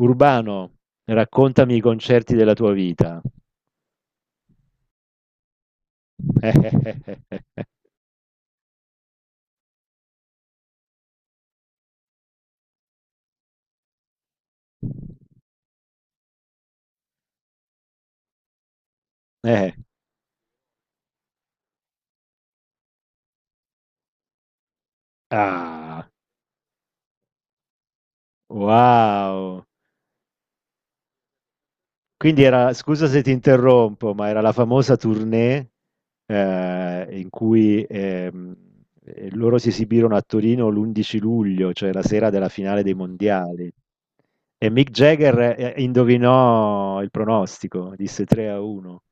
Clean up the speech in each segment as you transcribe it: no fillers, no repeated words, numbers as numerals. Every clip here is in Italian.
Urbano, raccontami i concerti della tua vita. Eh, ah, wow. Quindi era, scusa se ti interrompo, ma era la famosa tournée in cui loro si esibirono a Torino l'11 luglio, cioè la sera della finale dei mondiali. E Mick Jagger indovinò il pronostico, disse 3 a 1,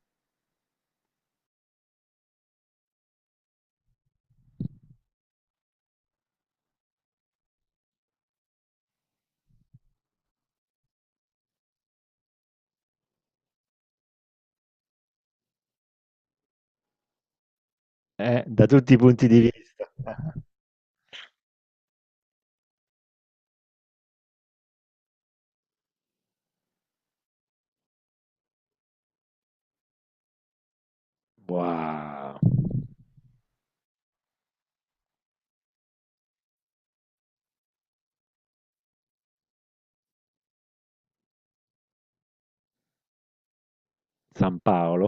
da tutti i punti di vista. Wow, San Paolo.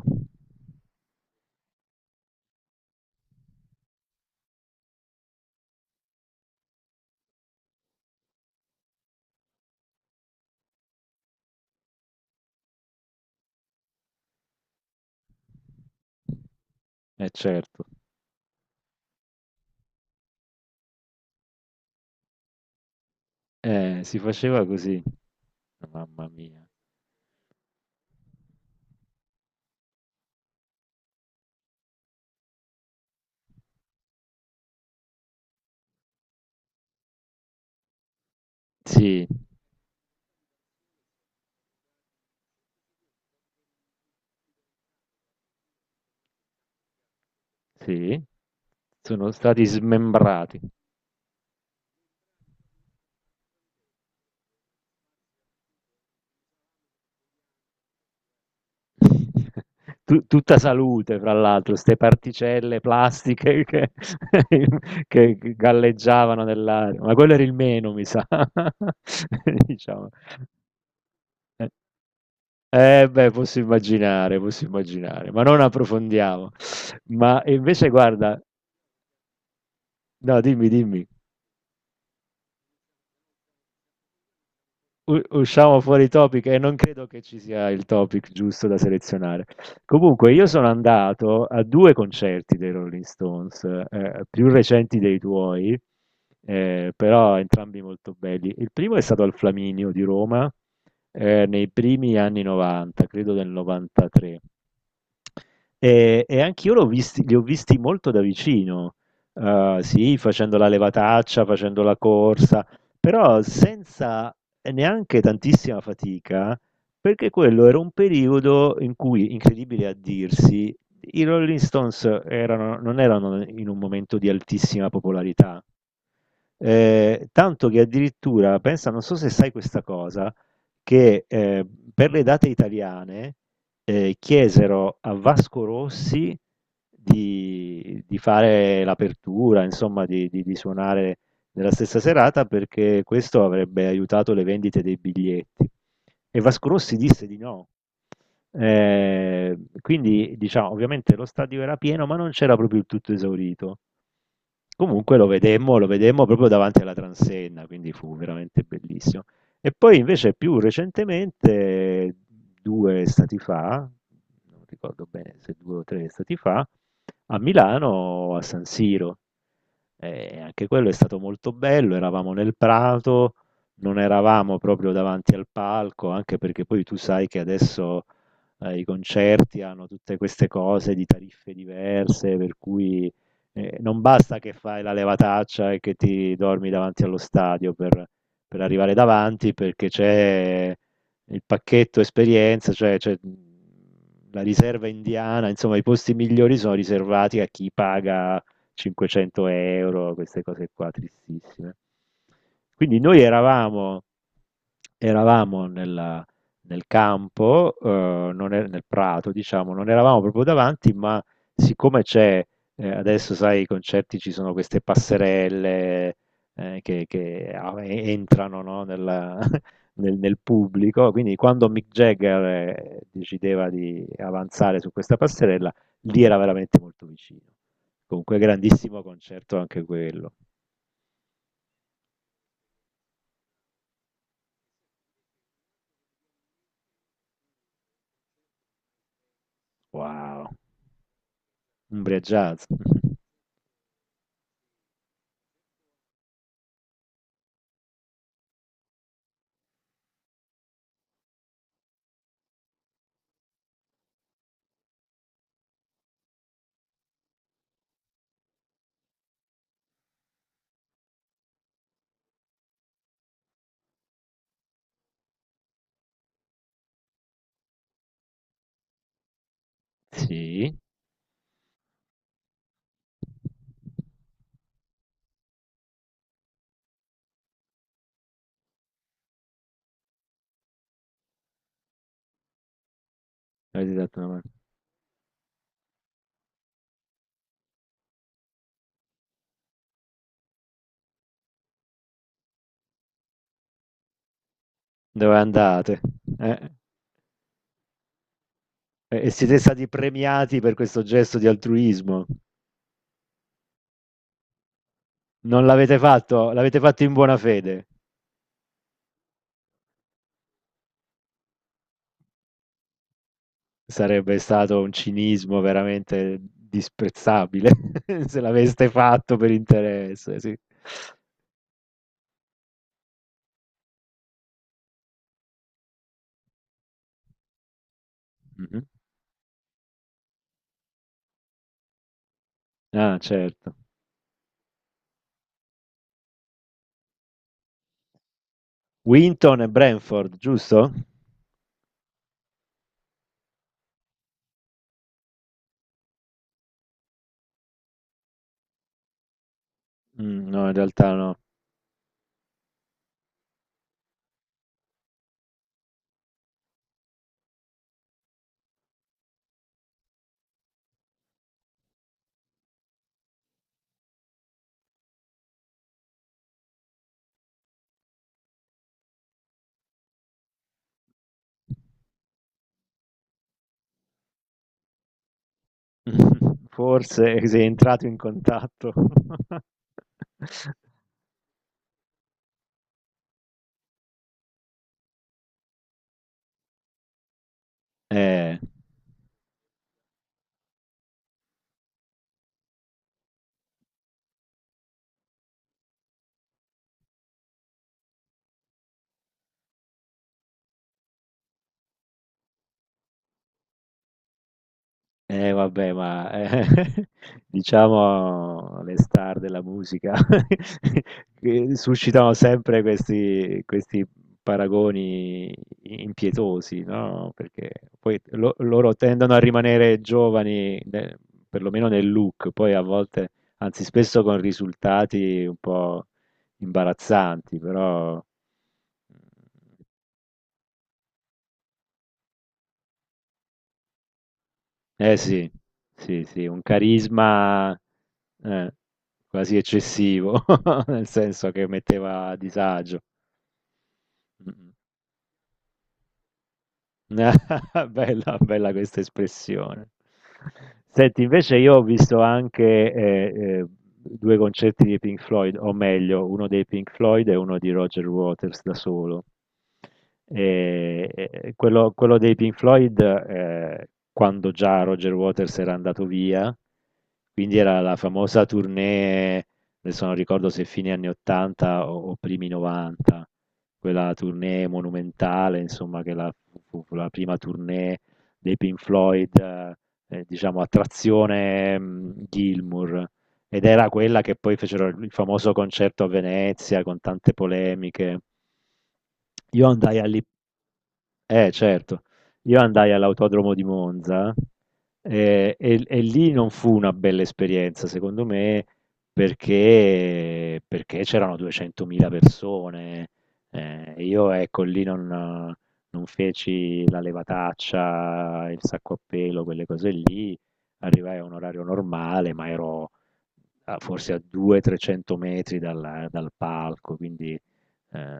Eh certo, si faceva così, mamma mia. Sì, sì, sono stati smembrati. Tutta salute, fra l'altro, ste particelle plastiche che, che galleggiavano nell'aria, ma quello era il meno, mi sa. Diciamo. Eh beh, posso immaginare, ma non approfondiamo. Ma invece, guarda, no, dimmi, dimmi. Usciamo fuori topic e non credo che ci sia il topic giusto da selezionare. Comunque, io sono andato a due concerti dei Rolling Stones, più recenti dei tuoi, però entrambi molto belli. Il primo è stato al Flaminio di Roma, nei primi anni 90, credo del 93. E anch'io l'ho visti li ho visti molto da vicino, sì, facendo la levataccia, facendo la corsa, però senza neanche tantissima fatica, perché quello era un periodo in cui, incredibile a dirsi, i Rolling Stones erano non erano in un momento di altissima popolarità. Tanto che addirittura, pensa, non so se sai questa cosa, che per le date italiane chiesero a Vasco Rossi di fare l'apertura, insomma, di suonare nella stessa serata perché questo avrebbe aiutato le vendite dei biglietti. E Vasco Rossi disse di no, quindi, diciamo, ovviamente lo stadio era pieno, ma non c'era proprio il tutto esaurito. Comunque lo vedemmo proprio davanti alla transenna, quindi fu veramente bellissimo. E poi invece più recentemente, due stati fa, non ricordo bene se due o tre stati fa, a Milano, a San Siro. E anche quello è stato molto bello, eravamo nel prato, non eravamo proprio davanti al palco, anche perché poi tu sai che adesso i concerti hanno tutte queste cose di tariffe diverse, per cui non basta che fai la levataccia e che ti dormi davanti allo stadio per arrivare davanti, perché c'è il pacchetto esperienza, cioè c'è la riserva indiana, insomma i posti migliori sono riservati a chi paga 500 euro, queste cose qua tristissime. Quindi noi eravamo nel campo, non è- nel prato, diciamo, non eravamo proprio davanti, ma siccome adesso sai, i concerti ci sono queste passerelle entrano, no, nel pubblico, quindi quando Mick Jagger decideva di avanzare su questa passerella, lì era veramente molto vicino. Comunque grandissimo concerto anche quello. Wow, Umbria Jazz. Sì, avete dato una mano. Dove andate? Eh? E siete stati premiati per questo gesto di altruismo. Non l'avete fatto, l'avete fatto in buona fede. Sarebbe stato un cinismo veramente disprezzabile se l'aveste fatto per interesse, sì. Mhm. Ah, certo. Winton e Brentford, giusto? Mm, no, in realtà no. Mh-mh. Forse sei entrato in contatto. Eh, eh vabbè, ma, diciamo le star della musica che suscitano sempre questi paragoni i impietosi, no, perché poi lo loro tendono a rimanere giovani ne perlomeno nel look, poi a volte, anzi spesso con risultati un po' imbarazzanti, però. Eh sì, sì, sì, un carisma eh, quasi eccessivo, nel senso che metteva a disagio. Mm. Bella, bella questa espressione. Senti, invece io ho visto anche eh, due concerti di Pink Floyd, o meglio, uno dei Pink Floyd e uno di Roger Waters da solo. E quello dei Pink Floyd, quando già Roger Waters era andato via, quindi era la famosa tournée. Adesso non ricordo se fine anni 80 o primi 90, quella tournée monumentale, insomma, fu la prima tournée dei Pink Floyd, diciamo, a trazione Gilmour. Ed era quella che poi fecero il famoso concerto a Venezia con tante polemiche. Io andai a lì eh certo, io andai all'autodromo di Monza e lì non fu una bella esperienza, secondo me, perché c'erano 200.000 persone. Io, ecco, lì non feci la levataccia, il sacco a pelo, quelle cose lì. Arrivai a un orario normale, ma ero forse a 200-300 metri dal palco, quindi Ehm,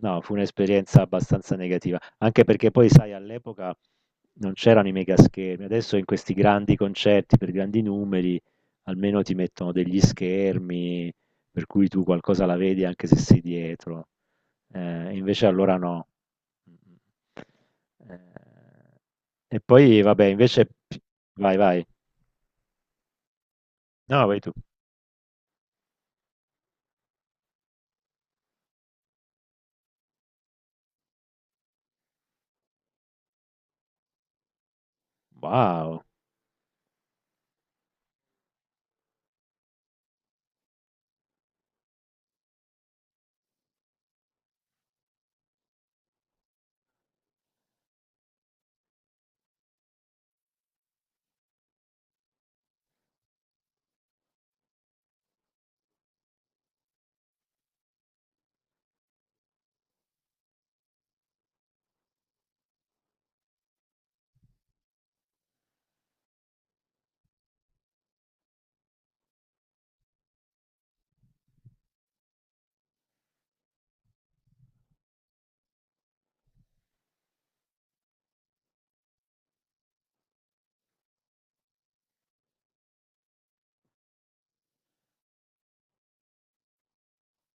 no, fu un'esperienza abbastanza negativa, anche perché poi sai all'epoca non c'erano i megaschermi, adesso in questi grandi concerti per grandi numeri almeno ti mettono degli schermi per cui tu qualcosa la vedi anche se sei dietro. Invece allora no. Eh, e poi vabbè, invece vai, vai. No, vai tu. Wow,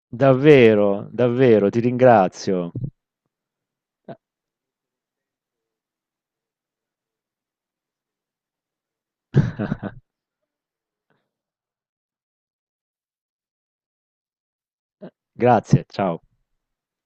davvero, davvero, ti ringrazio. Eh, Grazie, ciao.